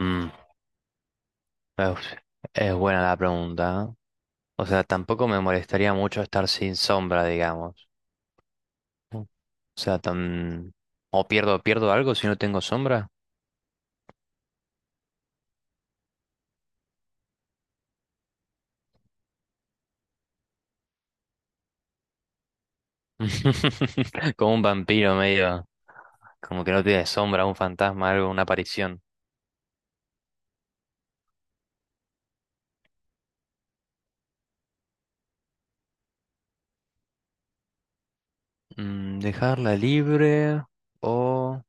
Mm, uf, es buena la pregunta. ¿Eh? O sea, tampoco me molestaría mucho estar sin sombra, digamos. O sea, tan... O pierdo algo si no tengo sombra. Como un vampiro medio. Como que no tiene sombra, un fantasma, algo, una aparición. Mm, dejarla libre o...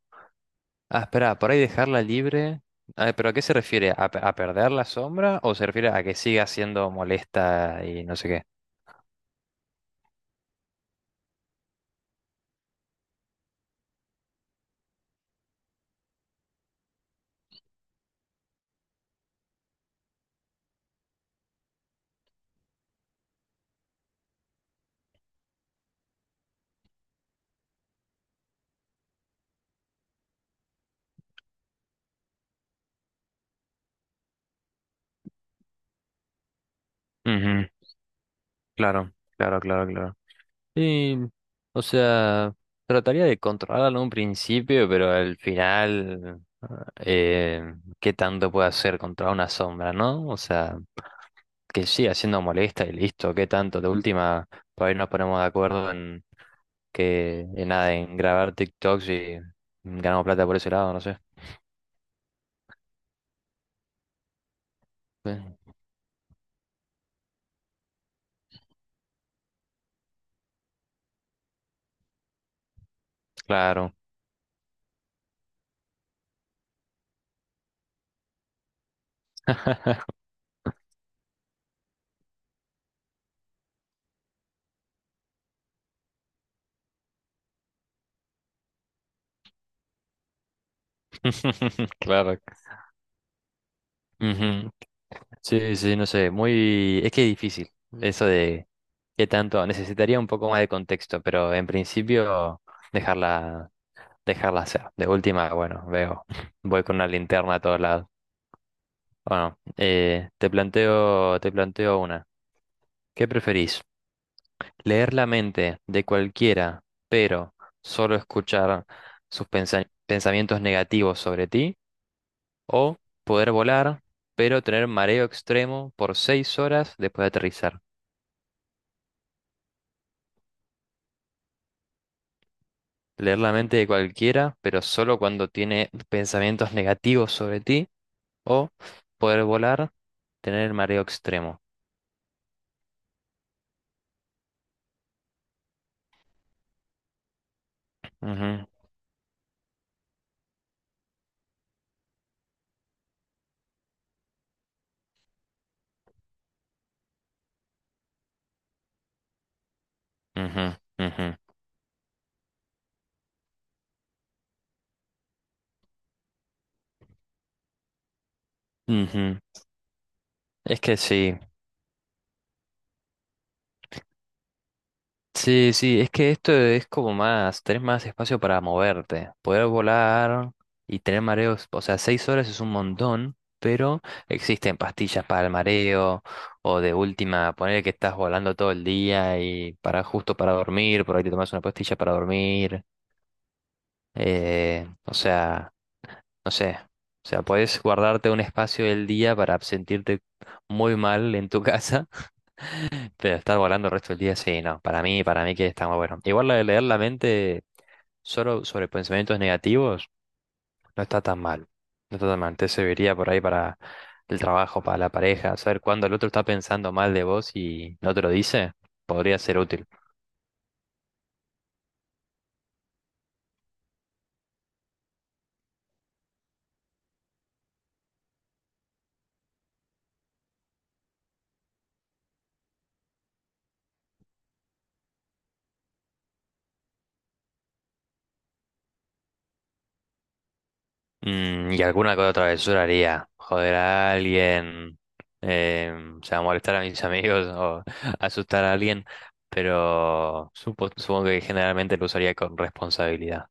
Ah, espera, por ahí dejarla libre. Ah, ¿pero a qué se refiere? ¿A, pe- a perder la sombra o se refiere a que siga siendo molesta y no sé qué? Ujú, claro, claro, claro, claro. Sí, o sea, trataría de controlarlo en un principio, pero al final, eh, ¿qué tanto puede hacer contra una sombra, no? O sea, que siga siendo molesta y listo, ¿qué tanto? De última, por ahí nos ponemos de acuerdo en que, en nada, en grabar TikToks y ganamos plata por ese lado, no sé. Eh, Claro. Claro. Ujú. Sí, sí, no sé, Es que es difícil eso de qué tanto... Necesitaría un poco más de contexto, pero en principio dejarla, dejarla hacer. De última, bueno, voy con una linterna a todos lados. Bueno, te planteo una. ¿Qué preferís? Leer la mente de cualquiera, pero solo escuchar sus pensamientos negativos sobre ti. O poder volar, pero tener mareo extremo por 6 horas después de aterrizar. Leer la mente de cualquiera, pero solo cuando tiene pensamientos negativos sobre ti. O poder volar, tener mareo extremo. Ujú, ujú, ujú, ujú. Es que sí. Sí, sí, es que esto es como más, tenés más espacio para moverte, poder volar y tener mareos, o sea, 6 horas es un montón, pero existen pastillas para el mareo, o de última, poner que estás volando todo el día y para justo para dormir, por ahí te tomas una pastilla para dormir, o sea, no sé, o sea, puedes guardarte un espacio del día para sentirte muy mal en tu casa pero estar volando el resto del día, sí, no. Para mí que está muy bueno. Igual lo de leer la mente solo sobre pensamientos negativos no está tan mal. No está tan mal. Te serviría por ahí para el trabajo, para la pareja. Saber cuándo el otro está pensando mal de vos y no te lo dice, podría ser útil. Mm, y alguna que otra travesura haría. Joder a alguien, o sea, molestar a mis amigos o asustar a alguien. Pero supongo que generalmente lo usaría con responsabilidad.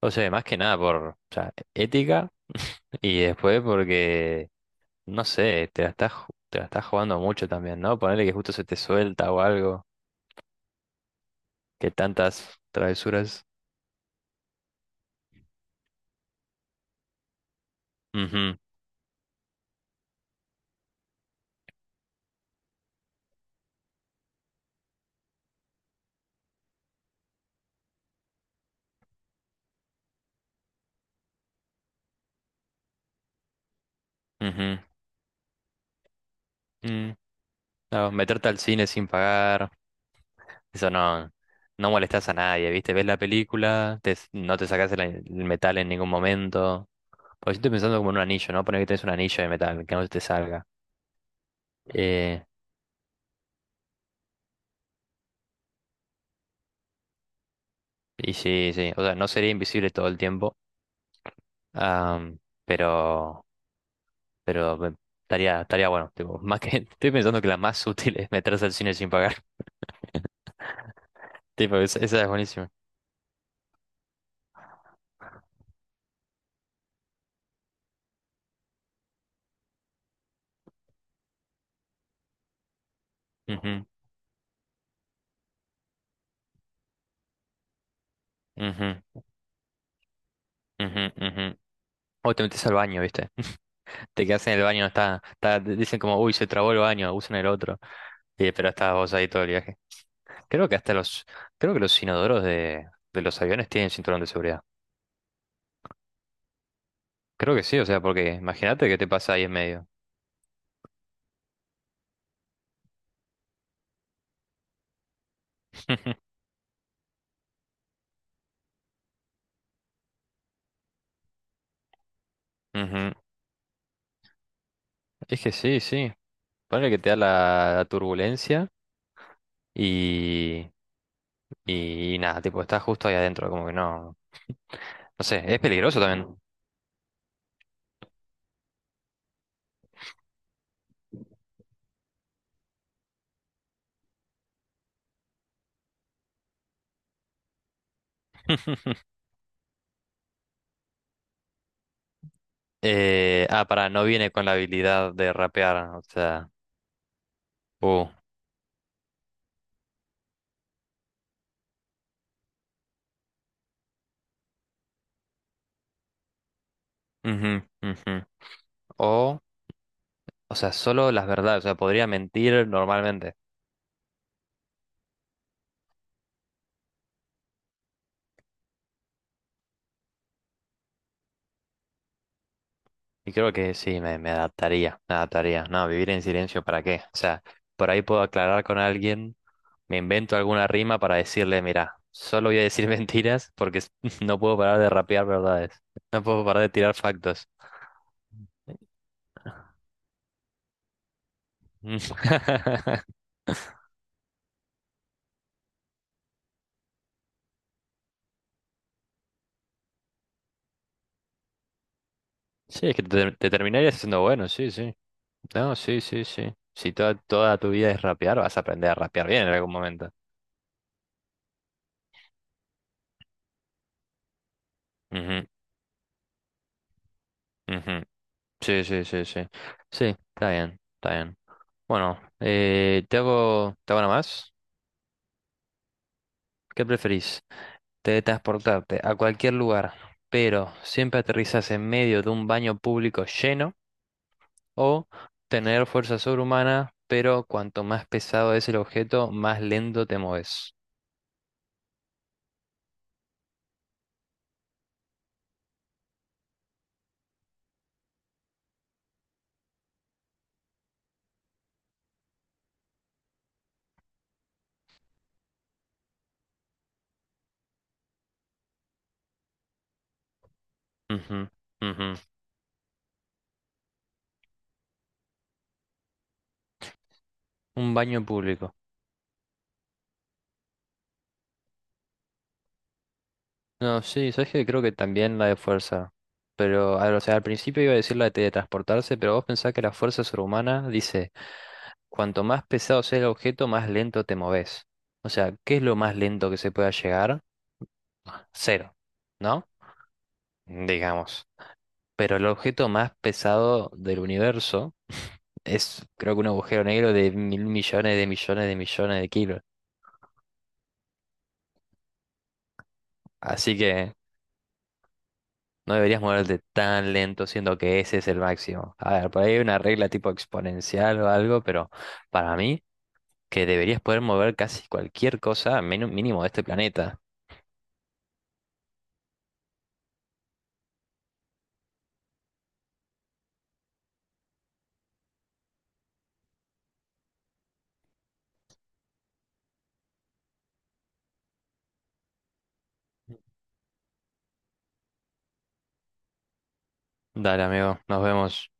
O sea, más que nada por, o sea, ética y después porque, no sé, te la estás jugando mucho también, ¿no? Ponerle que justo se te suelta o algo, que tantas travesuras. Ujú, ujú, mm. No, meterte al cine sin pagar, eso no, no molestas a nadie, ¿viste? Ves la película, no te sacas el metal en ningún momento. Pues yo estoy pensando como en un anillo, ¿no? Poner que tenés un anillo de metal, que no se te salga. Eh, y sí, sí, o sea, no sería invisible todo el tiempo. Am, pero, pero estaría bueno. Tipo, más que, estoy pensando que la más útil es meterse al cine sin pagar. Tipo, esa es buenísima. Ujú, ujú, ujú, ujú. O te metes al baño, ¿viste? Te quedas en el baño, está, dicen como, uy, se trabó el baño, usan el otro. Y, pero estás vos ahí todo el viaje. Creo que hasta los, creo que los inodoros de los aviones tienen cinturón de seguridad. Creo que sí, o sea, porque imagínate qué te pasa ahí en medio. Ujú. Ujú. Es que sí, sí. Ponle que te da la turbulencia y, y nada, tipo, estás justo ahí adentro, como que no. No sé, es peligroso también. Para, no viene con la habilidad de rapear, o sea. Uh, ujú, ujú. O, o sea, solo las verdades, o sea, podría mentir normalmente. Y creo que sí, me adaptaría. No, vivir en silencio, ¿para qué? O sea, por ahí puedo aclarar con alguien, me invento alguna rima para decirle, mira, solo voy a decir mentiras porque no puedo parar de rapear verdades, no puedo parar de tirar factos. Mm. Sí, es que te terminarías siendo bueno, sí, sí. No, sí, sí, sí. Si toda tu vida es rapear, vas a aprender a rapear bien en algún momento. Ujú, ujú. Sí, sí, sí, sí. Sí, está bien, está bien. Bueno, te hago una más. ¿Qué preferís? Teletransportarte a cualquier lugar, pero siempre aterrizas en medio de un baño público lleno, o tener fuerza sobrehumana, pero cuanto más pesado es el objeto, más lento te mueves. Ujú, ujú. Un baño público. No, sí, sabes que creo que también la de fuerza. Pero, a ver, o sea, al principio iba a decir la de teletransportarse, pero vos pensás que la fuerza sobrehumana dice. Cuanto más pesado sea el objeto, más lento te moves. O sea, ¿qué es lo más lento que se pueda llegar? Cero, ¿no? Digamos. Pero el objeto más pesado del universo es, creo que un agujero negro de mil millones de millones de millones de kilos. Así que no deberías moverte tan lento, siendo que ese es el máximo. A ver, por ahí hay una regla tipo exponencial o algo, pero para mí, que deberías poder mover casi cualquier cosa, mínimo de este planeta. Dale, amigo, nos vemos.